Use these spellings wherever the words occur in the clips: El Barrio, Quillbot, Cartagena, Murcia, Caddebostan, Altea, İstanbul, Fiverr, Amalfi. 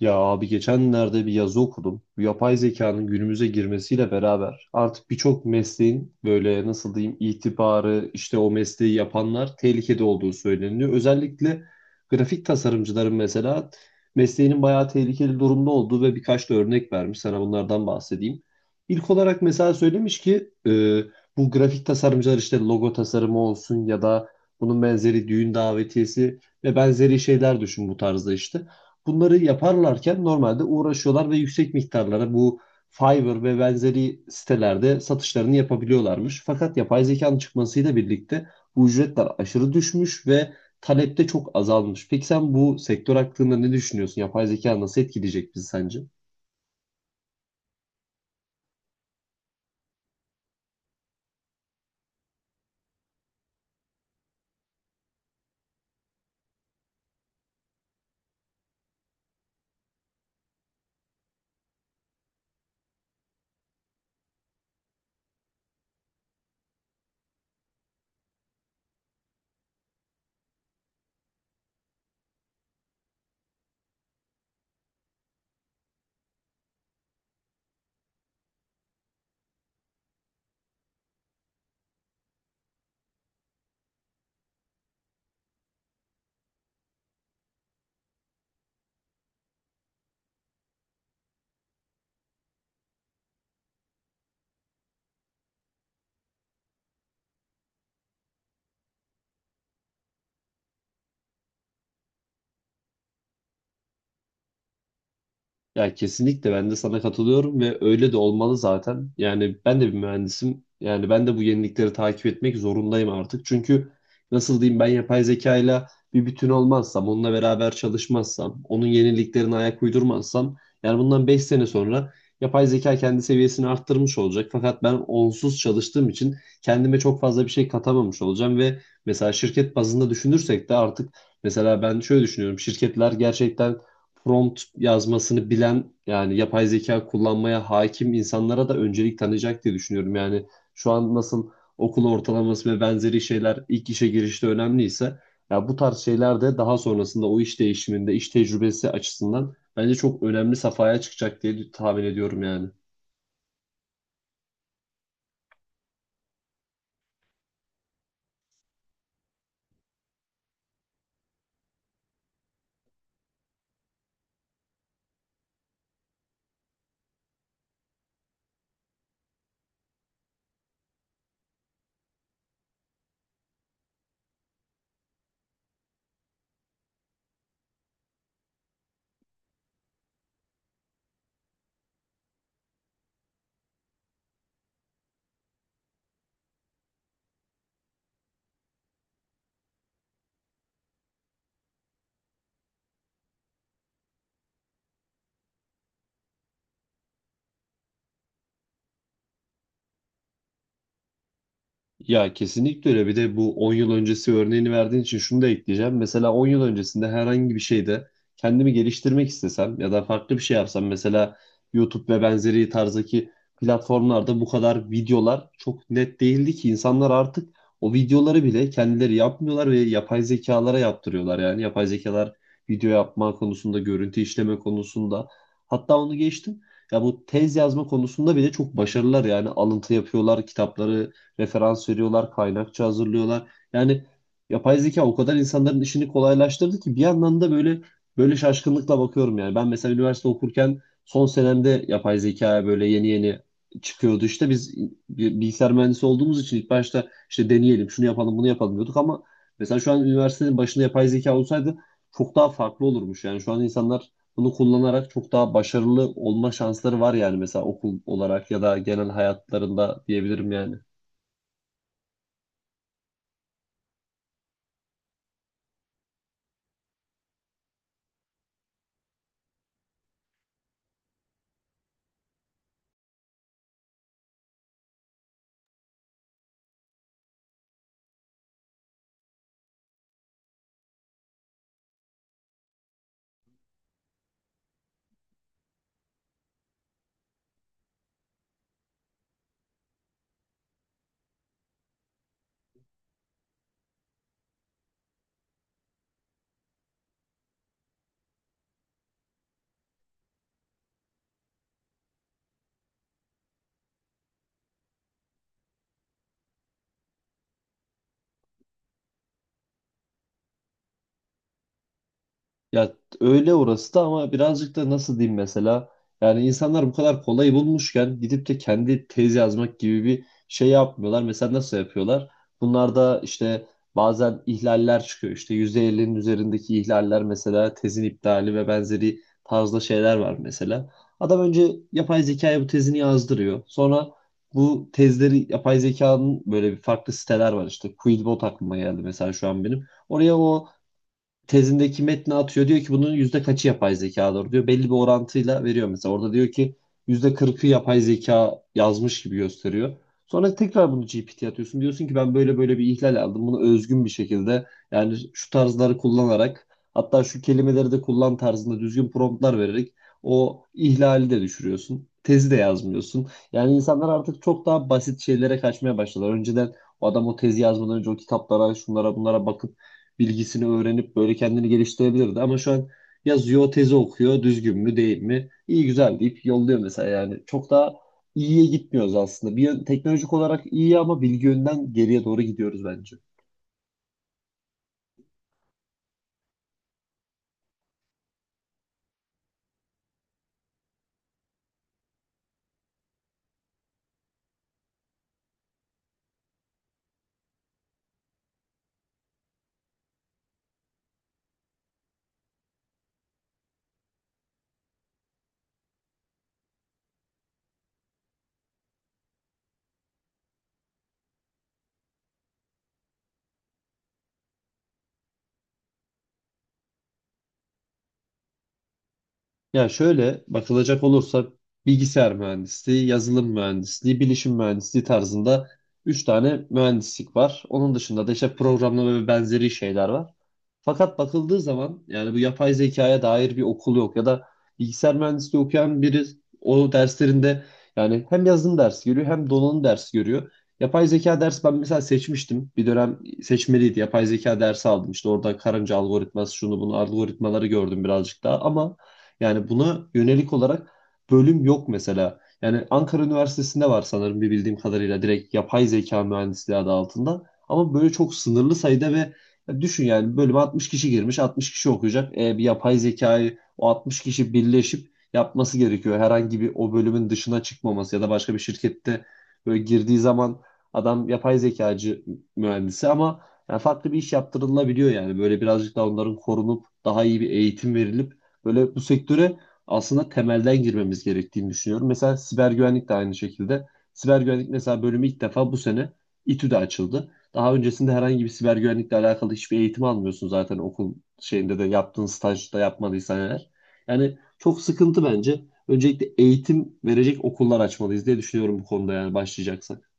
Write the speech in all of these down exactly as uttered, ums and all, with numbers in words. Ya abi, geçenlerde bir yazı okudum. Bu yapay zekanın günümüze girmesiyle beraber artık birçok mesleğin böyle, nasıl diyeyim, itibarı, işte o mesleği yapanlar tehlikede olduğu söyleniyor. Özellikle grafik tasarımcıların mesela mesleğinin bayağı tehlikeli durumda olduğu ve birkaç da örnek vermiş. Sana bunlardan bahsedeyim. İlk olarak mesela söylemiş ki e, bu grafik tasarımcılar işte logo tasarımı olsun ya da bunun benzeri düğün davetiyesi ve benzeri şeyler, düşün bu tarzda işte. Bunları yaparlarken normalde uğraşıyorlar ve yüksek miktarlara bu Fiverr ve benzeri sitelerde satışlarını yapabiliyorlarmış. Fakat yapay zekanın çıkmasıyla birlikte bu ücretler aşırı düşmüş ve talep de çok azalmış. Peki sen bu sektör hakkında ne düşünüyorsun? Yapay zeka nasıl etkileyecek bizi sence? Ya kesinlikle ben de sana katılıyorum ve öyle de olmalı zaten. Yani ben de bir mühendisim. Yani ben de bu yenilikleri takip etmek zorundayım artık. Çünkü nasıl diyeyim, ben yapay zekayla bir bütün olmazsam, onunla beraber çalışmazsam, onun yeniliklerine ayak uydurmazsam, yani bundan beş sene sonra yapay zeka kendi seviyesini arttırmış olacak. Fakat ben onsuz çalıştığım için kendime çok fazla bir şey katamamış olacağım ve mesela şirket bazında düşünürsek de artık, mesela ben şöyle düşünüyorum: şirketler gerçekten prompt yazmasını bilen, yani yapay zeka kullanmaya hakim insanlara da öncelik tanıyacak diye düşünüyorum. Yani şu an nasıl okul ortalaması ve benzeri şeyler ilk işe girişte önemliyse, ya, bu tarz şeyler de daha sonrasında o iş değişiminde, iş tecrübesi açısından bence çok önemli safhaya çıkacak diye tahmin ediyorum yani. Ya kesinlikle öyle. Bir de bu on yıl öncesi örneğini verdiğin için şunu da ekleyeceğim. Mesela on yıl öncesinde herhangi bir şeyde kendimi geliştirmek istesem ya da farklı bir şey yapsam, mesela YouTube ve benzeri tarzdaki platformlarda bu kadar videolar çok net değildi ki, insanlar artık o videoları bile kendileri yapmıyorlar ve yapay zekalara yaptırıyorlar. Yani yapay zekalar video yapma konusunda, görüntü işleme konusunda, hatta onu geçtim, ya bu tez yazma konusunda bile çok başarılılar. Yani alıntı yapıyorlar, kitapları referans veriyorlar, kaynakça hazırlıyorlar. Yani yapay zeka o kadar insanların işini kolaylaştırdı ki, bir yandan da böyle böyle şaşkınlıkla bakıyorum yani. Ben mesela üniversite okurken, son senemde yapay zekaya böyle yeni yeni çıkıyordu. İşte biz bi- bilgisayar mühendisi olduğumuz için, ilk başta işte deneyelim, şunu yapalım, bunu yapalım diyorduk. Ama mesela şu an üniversitenin başında yapay zeka olsaydı çok daha farklı olurmuş. Yani şu an insanlar bunu kullanarak çok daha başarılı olma şansları var yani, mesela okul olarak ya da genel hayatlarında diyebilirim yani. Ya, öyle orası da, ama birazcık da nasıl diyeyim, mesela yani insanlar bu kadar kolay bulmuşken, gidip de kendi tez yazmak gibi bir şey yapmıyorlar. Mesela nasıl yapıyorlar? Bunlar da işte, bazen ihlaller çıkıyor. İşte yüzde ellinin üzerindeki ihlaller mesela tezin iptali ve benzeri tarzda şeyler var mesela. Adam önce yapay zekaya bu tezini yazdırıyor. Sonra bu tezleri yapay zekanın, böyle bir farklı siteler var işte. Quillbot aklıma geldi mesela şu an benim. Oraya o tezindeki metni atıyor. Diyor ki, bunun yüzde kaçı yapay zekadır diyor. Belli bir orantıyla veriyor mesela. Orada diyor ki, yüzde kırkı yapay zeka yazmış gibi gösteriyor. Sonra tekrar bunu G P T'ye atıyorsun. Diyorsun ki, ben böyle böyle bir ihlal aldım. Bunu özgün bir şekilde, yani şu tarzları kullanarak, hatta şu kelimeleri de kullan tarzında düzgün promptlar vererek o ihlali de düşürüyorsun. Tezi de yazmıyorsun. Yani insanlar artık çok daha basit şeylere kaçmaya başladılar. Önceden o adam o tezi yazmadan önce o kitaplara, şunlara, bunlara bakıp bilgisini öğrenip böyle kendini geliştirebilirdi. Ama şu an yazıyor, tezi okuyor, düzgün mü değil mi, iyi güzel deyip yolluyor mesela yani. Çok daha iyiye gitmiyoruz aslında. Bir yön- teknolojik olarak iyi, ama bilgi yönden geriye doğru gidiyoruz bence. Ya şöyle bakılacak olursa, bilgisayar mühendisliği, yazılım mühendisliği, bilişim mühendisliği tarzında üç tane mühendislik var. Onun dışında da işte programlama ve benzeri şeyler var. Fakat bakıldığı zaman yani bu yapay zekaya dair bir okul yok. Ya da bilgisayar mühendisliği okuyan biri, o derslerinde yani hem yazılım dersi görüyor, hem donanım dersi görüyor. Yapay zeka dersi ben mesela seçmiştim. Bir dönem seçmeliydi. Yapay zeka dersi aldım. İşte orada karınca algoritması, şunu bunu algoritmaları gördüm birazcık daha, ama yani buna yönelik olarak bölüm yok mesela. Yani Ankara Üniversitesi'nde var sanırım, bir bildiğim kadarıyla, direkt yapay zeka mühendisliği adı altında. Ama böyle çok sınırlı sayıda. Ve ya düşün, yani bölüme altmış kişi girmiş, altmış kişi okuyacak. E, bir yapay zekayı o altmış kişi birleşip yapması gerekiyor. Herhangi bir, o bölümün dışına çıkmaması ya da başka bir şirkette böyle girdiği zaman, adam yapay zekacı mühendisi, ama yani farklı bir iş yaptırılabiliyor yani. Böyle birazcık daha onların korunup daha iyi bir eğitim verilip, böyle bu sektöre aslında temelden girmemiz gerektiğini düşünüyorum. Mesela siber güvenlik de aynı şekilde. Siber güvenlik mesela bölümü ilk defa bu sene İTÜ'de açıldı. Daha öncesinde herhangi bir siber güvenlikle alakalı hiçbir eğitim almıyorsun zaten okul şeyinde, de yaptığın stajda yapmadıysan eğer. Yani çok sıkıntı bence. Öncelikle eğitim verecek okullar açmalıyız diye düşünüyorum bu konuda, yani başlayacaksak.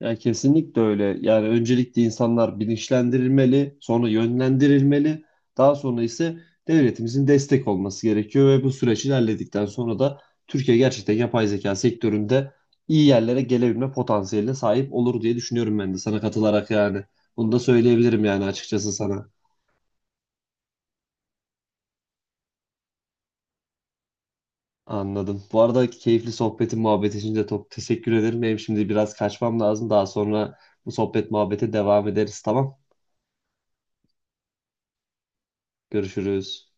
Ya kesinlikle öyle. Yani öncelikle insanlar bilinçlendirilmeli, sonra yönlendirilmeli, daha sonra ise devletimizin destek olması gerekiyor ve bu süreç ilerledikten sonra da Türkiye gerçekten yapay zeka sektöründe iyi yerlere gelebilme potansiyeline sahip olur diye düşünüyorum, ben de sana katılarak yani. Bunu da söyleyebilirim yani, açıkçası, sana. Anladım. Bu arada keyifli sohbetin, muhabbet için de çok teşekkür ederim. Benim şimdi biraz kaçmam lazım. Daha sonra bu sohbet muhabbete devam ederiz. Tamam. Görüşürüz.